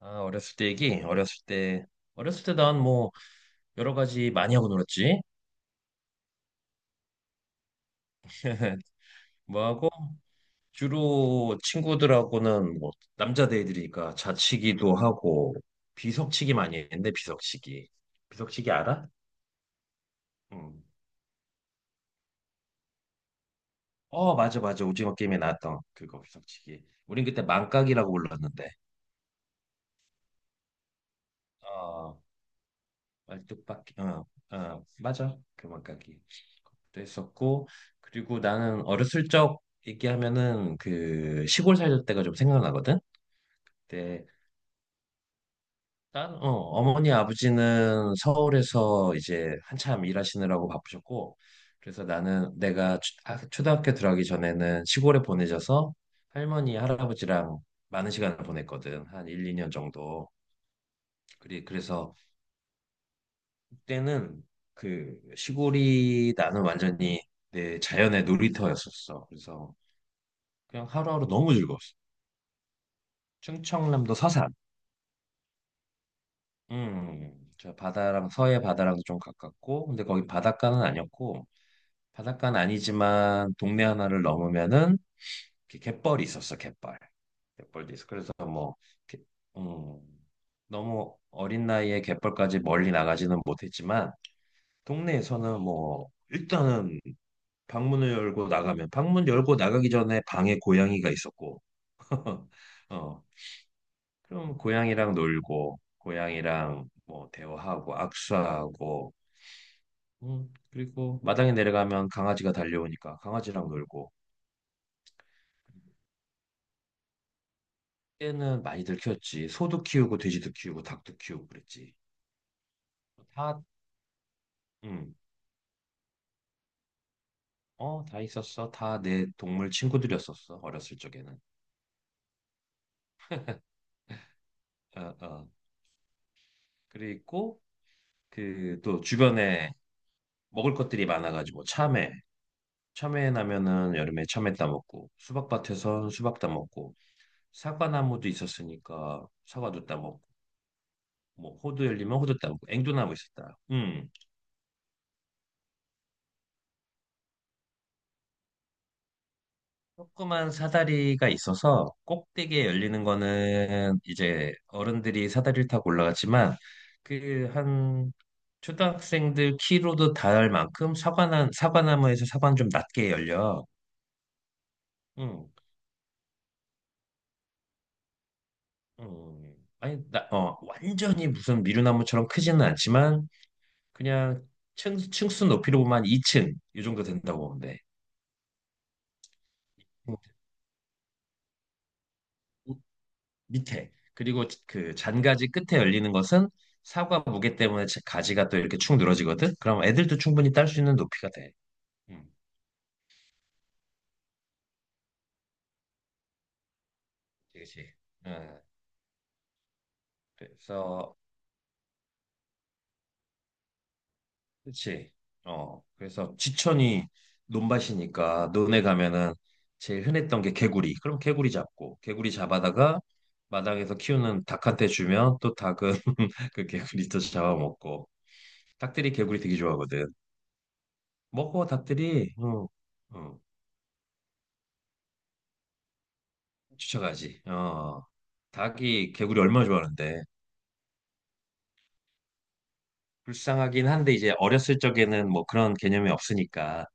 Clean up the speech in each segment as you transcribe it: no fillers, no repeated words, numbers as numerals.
아, 어렸을 때 얘기? 어렸을 때, 난 뭐 여러 가지 많이 하고 놀았지. 뭐 하고, 주로 친구들하고는 뭐 남자들이니까 자치기도 하고, 비석치기 많이 했는데, 비석치기. 비석치기 알아? 응. 어, 맞아, 맞아. 오징어 게임에 나왔던 그거, 비석치기. 우린 그때 망각이라고 불렀는데. 아. 말뚝박기 맞아, 교만가기 그것도 했었고, 그리고 나는 어렸을 적 얘기하면은 그 시골 살던 때가 좀 생각나거든. 그때 난 어머니 아버지는 서울에서 이제 한참 일하시느라고 바쁘셨고, 그래서 나는 내가 아, 초등학교 들어가기 전에는 시골에 보내져서 할머니 할아버지랑 많은 시간을 보냈거든. 한 1, 2년 정도. 그리 그래서 그때는 그 시골이 나는 완전히 내 자연의 놀이터였었어. 그래서 그냥 하루하루 너무 즐거웠어. 충청남도 서산. 저 바다랑 서해 바다랑도 좀 가깝고, 근데 거기 바닷가는 아니었고, 바닷가는 아니지만 동네 하나를 넘으면은 이렇게 갯벌이 있었어, 갯벌. 갯벌도 있어. 그래서 뭐, 개- 음, 너무 어린 나이에 갯벌까지 멀리 나가지는 못했지만, 동네에서는 뭐, 일단은 방문을 열고 나가면, 방문 열고 나가기 전에 방에 고양이가 있었고 어, 그럼 고양이랑 놀고, 고양이랑 뭐 대화하고 악수하고, 그리고 마당에 내려가면 강아지가 달려오니까 강아지랑 놀고. 때는 많이들 키웠지. 소도 키우고, 돼지도 키우고, 닭도 키우고 그랬지. 다. 음. 어, 다 있었어. 다 내 동물 친구들이었었어, 어렸을 적에는. 어, 어. 그리고 그 또 주변에 먹을 것들이 많아가지고, 참외, 참외 나면은 여름에 참외 따 먹고, 수박밭에선 수박 따 먹고, 사과나무도 있었으니까 사과도 따 먹고, 뭐 호두 열리면 호두 따 먹고, 앵두나무 있었다. 음. 조그만 사다리가 있어서 꼭대기에 열리는 거는 이제 어른들이 사다리를 타고 올라갔지만, 그 한 초등학생들 키로도 닿을 만큼 사과나 사과나무에서 사과는 좀 낮게 열려. 음. 음. 아니 나, 어 완전히 무슨 미루나무처럼 크지는 않지만 그냥 층, 층수 높이로 보면 한 2층 이 정도 된다고 보면 돼. 뭐, 우- 밑에, 그리고 그 잔가지 끝에 열리는 것은 사과 무게 때문에 가지가 또 이렇게 축 늘어지거든. 그럼 애들도 충분히 딸 수 있는 높이가 돼. 음, 그렇지. 음, 그래서 그렇지. 어, 그래서 지천이 논밭이니까 논에 가면은 제일 흔했던 게 개구리. 그럼 개구리 잡고, 개구리 잡아다가 마당에서 키우는 닭한테 주면 또 닭은 그 개구리 또 잡아먹고. 닭들이 개구리 되게 좋아하거든. 먹어, 닭들이. 어, 어, 쫓아가지. 어, 닭이 개구리 얼마나 좋아하는데. 불쌍하긴 한데, 이제 어렸을 적에는 뭐 그런 개념이 없으니까.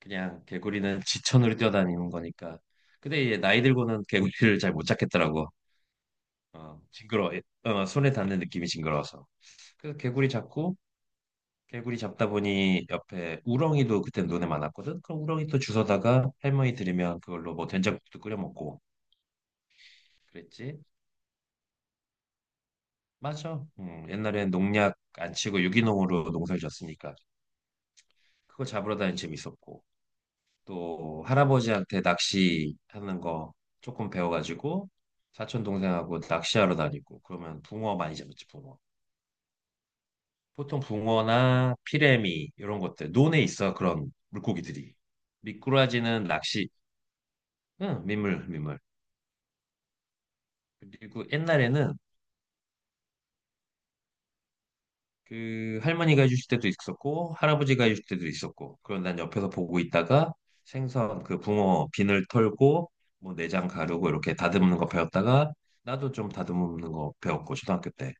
그냥 개구리는 지천으로 뛰어다니는 거니까. 근데 이제 나이 들고는 개구리를 잘 못 잡겠더라고. 어, 징그러워. 어, 손에 닿는 느낌이 징그러워서. 그래서 개구리 잡고, 개구리 잡다 보니 옆에 우렁이도 그때 눈에 많았거든. 그럼 우렁이 또 주워다가 할머니 들이면 그걸로 뭐 된장국도 끓여 먹고 그랬지. 맞아. 옛날엔 농약 안 치고 유기농으로 농사를 졌으니까 그거 잡으러 다니는 재밌었고, 또 할아버지한테 낚시하는 거 조금 배워가지고 사촌 동생하고 낚시하러 다니고 그러면 붕어 많이 잡았지, 붕어. 보통 붕어나 피래미 이런 것들 논에 있어, 그런 물고기들이. 미꾸라지는 낚시, 응 민물 민물. 그리고 옛날에는 그 할머니가 해주실 때도 있었고 할아버지가 해주실 때도 있었고, 그럼 난 옆에서 보고 있다가 생선, 그 붕어 비늘 털고 뭐 내장 가르고 이렇게 다듬는 거 배웠다가 나도 좀 다듬는 거 배웠고 초등학교 때.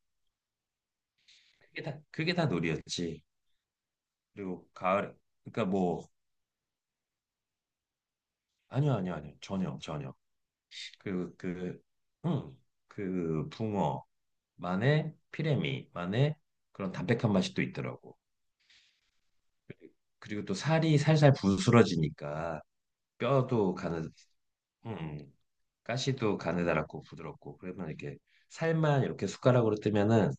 그게 다, 그게 다 놀이였지. 그리고 가을, 그러니까 뭐 아니요, 아니요, 아니요, 전혀 전혀. 그그응그 붕어만의 피레미만의 그런 담백한 맛이 또 있더라고. 그리고 또 살이 살살 부스러지니까 뼈도 가는, 음, 가시도 가느다랗고 부드럽고, 그러면 이렇게 살만 이렇게 숟가락으로 뜨면은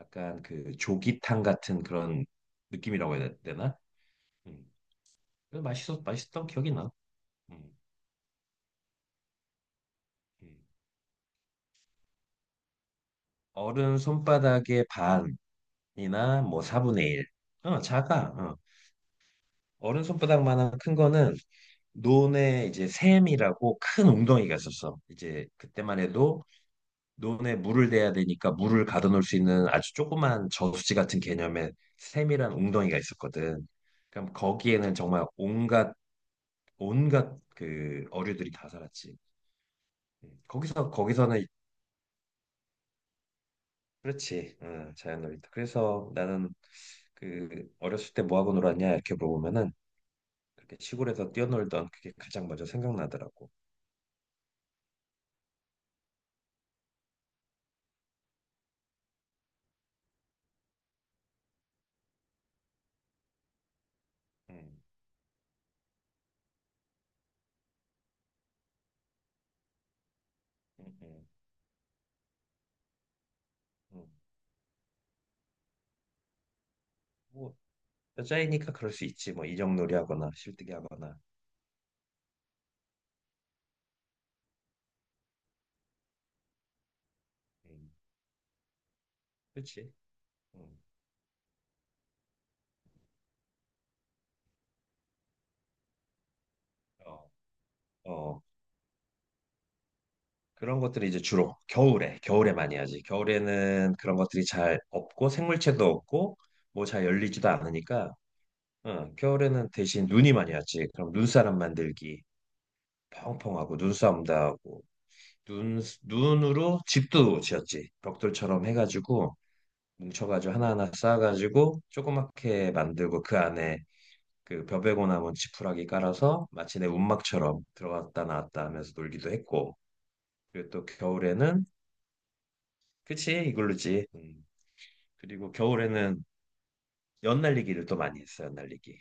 약간 그 조기탕 같은 그런 느낌이라고 해야 되나? 음. 그래서 맛있어, 맛있던 기억이 나. 음, 음. 어른 손바닥의 반이나 뭐 4분의 1. 어, 작아. 어. 어른 손바닥만한 큰 거는 논에 이제 샘이라고 큰 웅덩이가 있었어. 이제 그때만 해도 논에 물을 대야 되니까 물을 가둬놓을 수 있는 아주 조그만 저수지 같은 개념의 샘이한 웅덩이가 있었거든. 그럼 거기에는 정말 온갖 온갖 그 어류들이 다 살았지. 거기서는 그렇지. 응, 자연놀이터. 그래서 나는 그 어렸을 때 뭐 하고 놀았냐 이렇게 물어보면은 그렇게 시골에서 뛰어놀던 그게 가장 먼저 생각나더라고. 음, 음, 음, 음. 뭐 여자이니까 그럴 수 있지. 뭐 인형놀이 하거나 실뜨기 하거나. 음, 그렇지. 음. 어. 어, 그런 것들이 이제 주로 겨울에, 겨울에 많이 하지. 겨울에는 그런 것들이 잘 없고 생물체도 없고 뭐 잘 열리지도 않으니까. 어, 겨울에는 대신 눈이 많이 왔지. 그럼 눈사람 만들기, 펑펑하고 눈싸움도 하고, 눈으로 집도 지었지. 벽돌처럼 해가지고 뭉쳐가지고 하나하나 쌓아가지고 조그맣게 만들고, 그 안에 그 벼베고 남은 지푸라기 깔아서 마치 내 움막처럼 들어갔다 나왔다 하면서 놀기도 했고. 그리고 또 겨울에는, 그치, 이걸로지. 음. 그리고 겨울에는 연날리기를 또 많이 했어, 연날리기.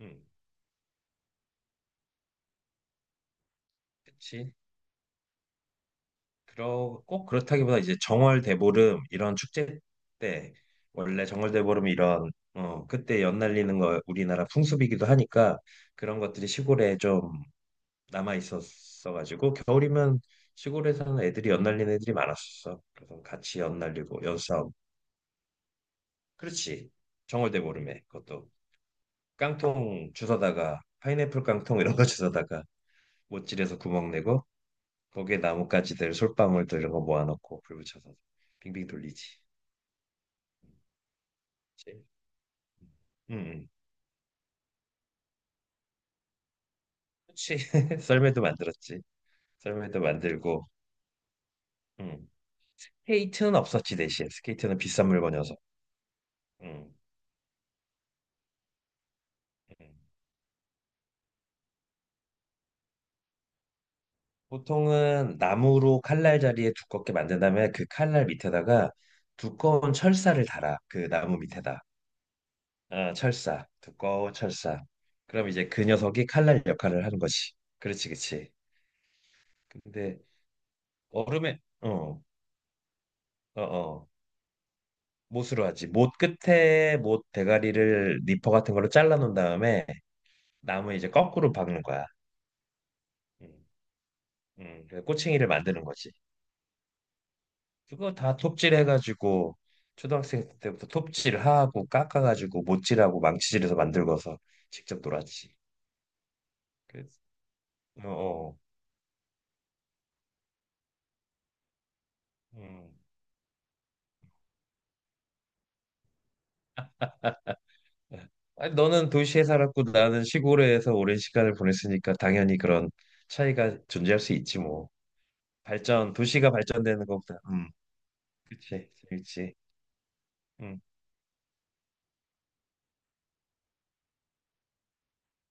음. 그치. 그러, 꼭 그렇다기보다 이제 정월대보름 이런 축제 때, 원래 정월대보름 이런, 어, 그때 연날리는 거 우리나라 풍습이기도 하니까 그런 것들이 시골에 좀 남아 있었어가지고, 겨울이면 시골에 사는 애들이 연날리는 애들이 많았었어. 그래서 같이 연날리고, 연싸움. 그렇지. 정월대보름에 그것도 깡통 주워다가 파인애플 깡통 이런 거 주워다가 못질에서 구멍 내고 거기에 나뭇가지들, 솔방울들, 이런 거 모아놓고 불 붙여서 빙빙 돌리지. 그치? 응, 응. 그치. 썰매도 만들었지. 썰매도 만들고. 응. 스케이트는 없었지, 대신. 스케이트는 비싼 물건이어서. 응. 응. 보통은 나무로 칼날 자리에 두껍게 만든 다음에 그 칼날 밑에다가 두꺼운 철사를 달아. 그 나무 밑에다. 어, 철사. 두꺼운 철사. 그럼 이제 그 녀석이 칼날 역할을 하는 거지. 그렇지, 그렇지. 근데 얼음에 어, 어, 어. 못으로 하지. 못 끝에 못 대가리를 니퍼 같은 걸로 잘라 놓은 다음에 나무 이제 거꾸로 박는 거야. 음, 그래서 꼬챙이를 만드는 거지. 그거 다 톱질 해가지고 초등학생 때부터 톱질하고 깎아가지고 못질하고 망치질해서 만들고서 직접 놀았지. 그래서 어, 어. 음. 아니, 너는 도시에 살았고 나는 시골에서 오랜 시간을 보냈으니까 당연히 그런 차이가 존재할 수 있지 뭐. 발전, 도시가 발전되는 것보다, 그치, 그치, 음,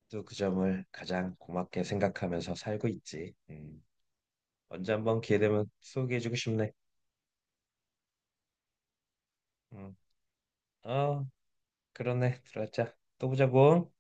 또 그 점을 가장 고맙게 생각하면서 살고 있지. 언제 한번 기회 되면 소개해주고 싶네. 음, 어, 그러네, 들어가자. 또 보자고.